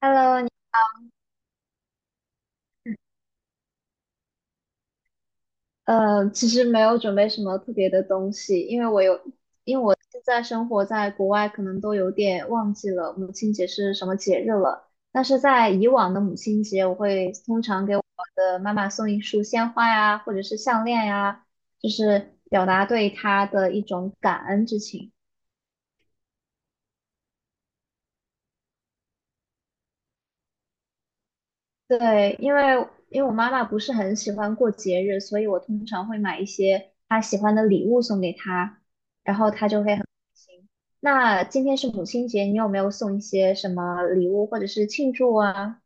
Hello,你其实没有准备什么特别的东西，因为我现在生活在国外，可能都有点忘记了母亲节是什么节日了。但是在以往的母亲节，我会通常给我的妈妈送一束鲜花呀，或者是项链呀，就是表达对她的一种感恩之情。对，因为我妈妈不是很喜欢过节日，所以我通常会买一些她喜欢的礼物送给她，然后她就会很开心。那今天是母亲节，你有没有送一些什么礼物或者是庆祝啊？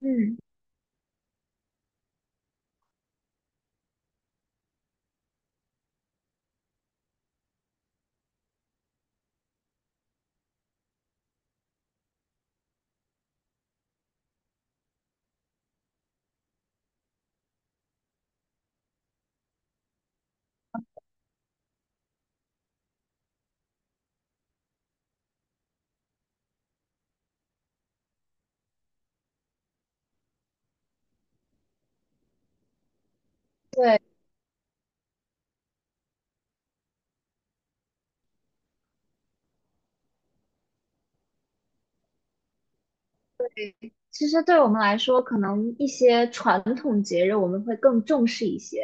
嗯，对，其实对我们来说，可能一些传统节日我们会更重视一些，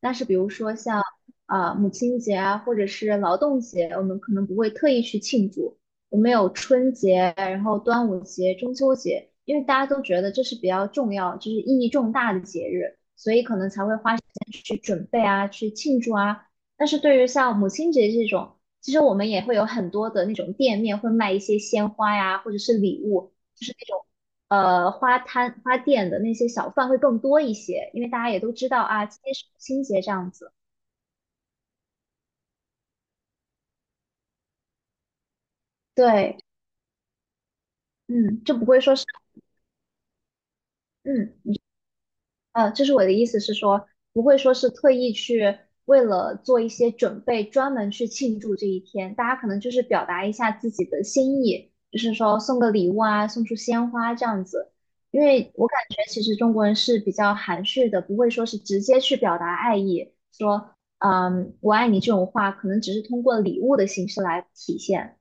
但是比如说像母亲节啊，或者是劳动节，我们可能不会特意去庆祝。我们有春节，然后端午节、中秋节，因为大家都觉得这是比较重要，就是意义重大的节日，所以可能才会花时间去准备啊，去庆祝啊。但是对于像母亲节这种，其实我们也会有很多的那种店面会卖一些鲜花呀，或者是礼物。就是那种。花摊花店的那些小贩会更多一些，因为大家也都知道啊，今天是母亲节这样子。对，嗯，就不会说是嗯。就是我的意思是说，不会说是特意去为了做一些准备，专门去庆祝这一天。大家可能就是表达一下自己的心意，就是说送个礼物啊，送束鲜花这样子。因为我感觉其实中国人是比较含蓄的，不会说是直接去表达爱意，说嗯我爱你这种话，可能只是通过礼物的形式来体现。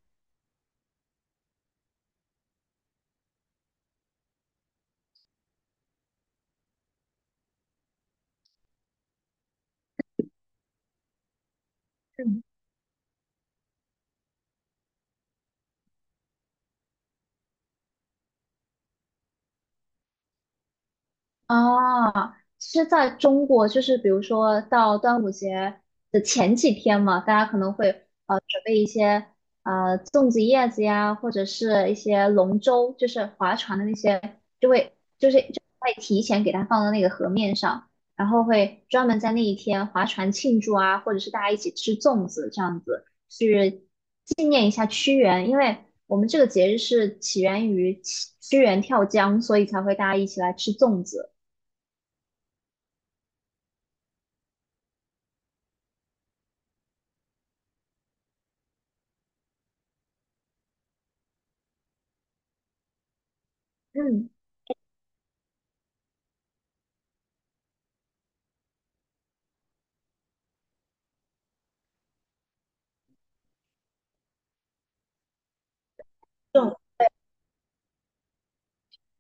啊，是在中国，就是比如说到端午节的前几天嘛，大家可能会准备一些粽子叶子呀，或者是一些龙舟，就是划船的那些，就会提前给它放到那个河面上，然后会专门在那一天划船庆祝啊，或者是大家一起吃粽子这样子去纪念一下屈原，因为我们这个节日是起源于屈原跳江，所以才会大家一起来吃粽子。嗯，这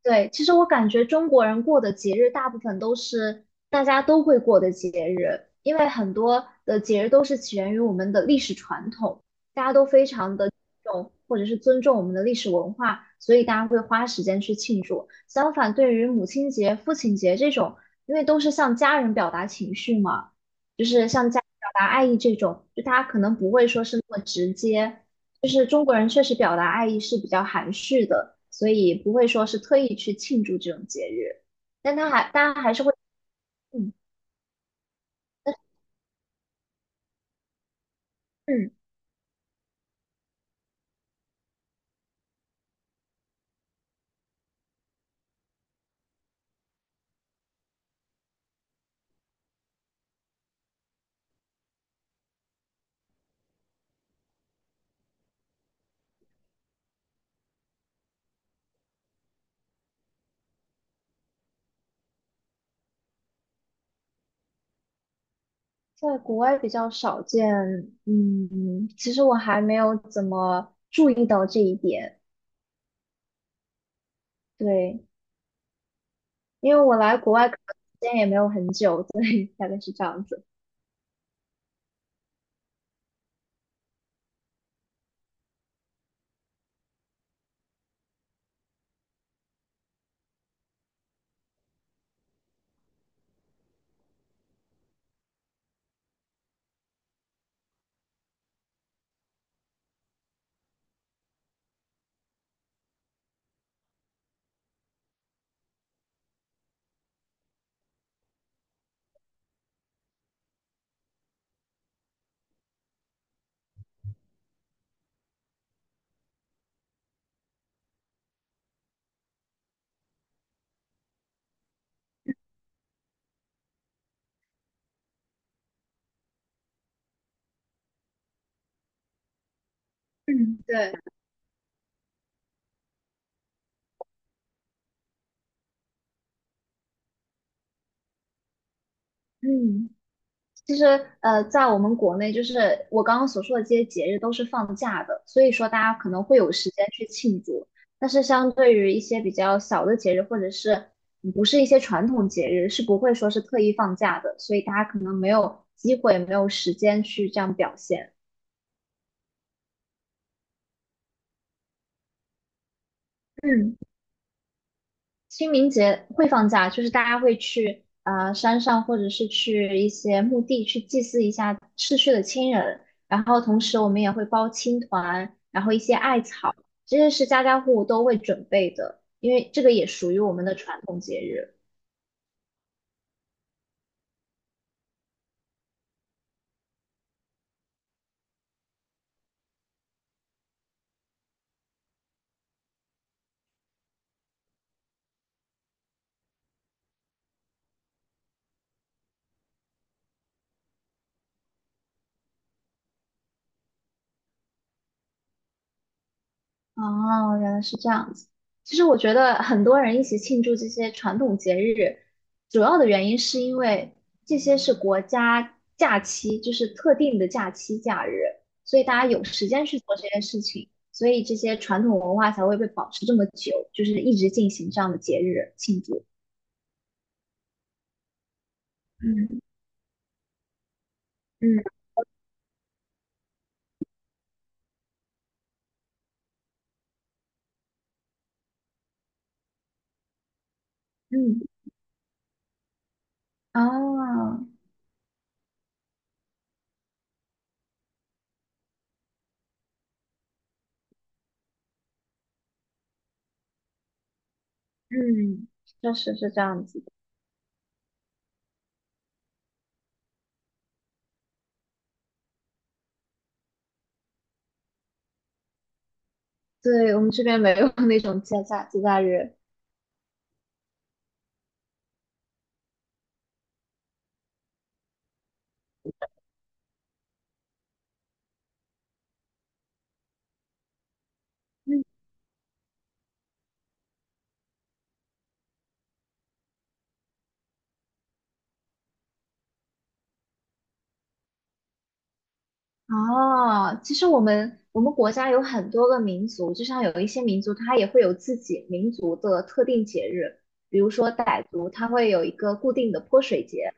对，其实我感觉中国人过的节日大部分都是大家都会过的节日，因为很多的节日都是起源于我们的历史传统，大家都非常的重或者是尊重我们的历史文化，所以大家会花时间去庆祝。相反，对于母亲节、父亲节这种，因为都是向家人表达情绪嘛，就是向家人表达爱意这种，就大家可能不会说是那么直接。就是中国人确实表达爱意是比较含蓄的，所以不会说是特意去庆祝这种节日，但他还大家还是会，嗯，但是嗯在国外比较少见，嗯，其实我还没有怎么注意到这一点，对，因为我来国外可能时间也没有很久，所以大概是这样子，嗯，对，嗯。其实，在我们国内，就是我刚刚所说的这些节日都是放假的，所以说大家可能会有时间去庆祝。但是，相对于一些比较小的节日，或者是不是一些传统节日，是不会说是特意放假的，所以大家可能没有机会，没有时间去这样表现。嗯。清明节会放假，就是大家会去啊山上，或者是去一些墓地去祭祀一下逝去的亲人。然后同时我们也会包青团，然后一些艾草，这些是家家户户都会准备的，因为这个也属于我们的传统节日。哦，原来是这样子。其实我觉得很多人一起庆祝这些传统节日，主要的原因是因为这些是国家假期，就是特定的假期假日，所以大家有时间去做这些事情，所以这些传统文化才会被保持这么久，就是一直进行这样的节日庆祝。嗯嗯嗯，啊，嗯确实是这样子的。对，我们这边没有那种节假节假日。嗯。哦，其实我们国家有很多个民族，就像有一些民族，它也会有自己民族的特定节日，比如说傣族，它会有一个固定的泼水节，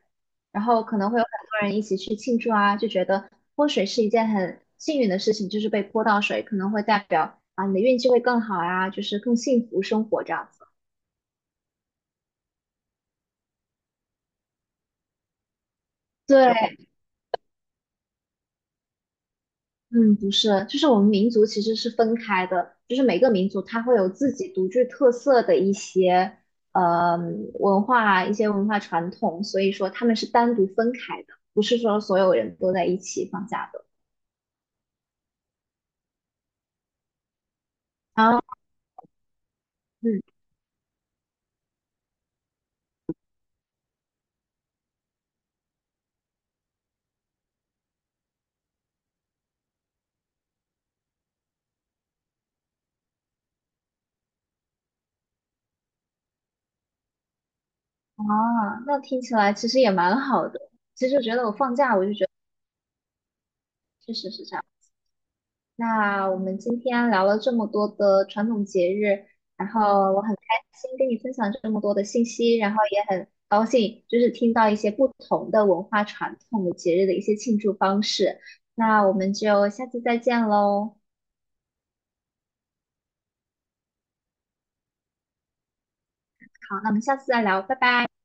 然后可能会有很多人一起去庆祝啊，就觉得泼水是一件很幸运的事情，就是被泼到水，可能会代表啊你的运气会更好啊，就是更幸福生活这样子。对，嗯，不是，就是我们民族其实是分开的，就是每个民族它会有自己独具特色的一些呃文化、一些文化传统，所以说他们是单独分开的，不是说所有人都在一起放假的。啊，嗯，啊，那听起来其实也蛮好的。其实觉得我放假，我就觉得确实是这样。那我们今天聊了这么多的传统节日，然后我很开心跟你分享这么多的信息，然后也很高兴就是听到一些不同的文化传统的节日的一些庆祝方式。那我们就下次再见喽。好，那我们下次再聊，拜拜。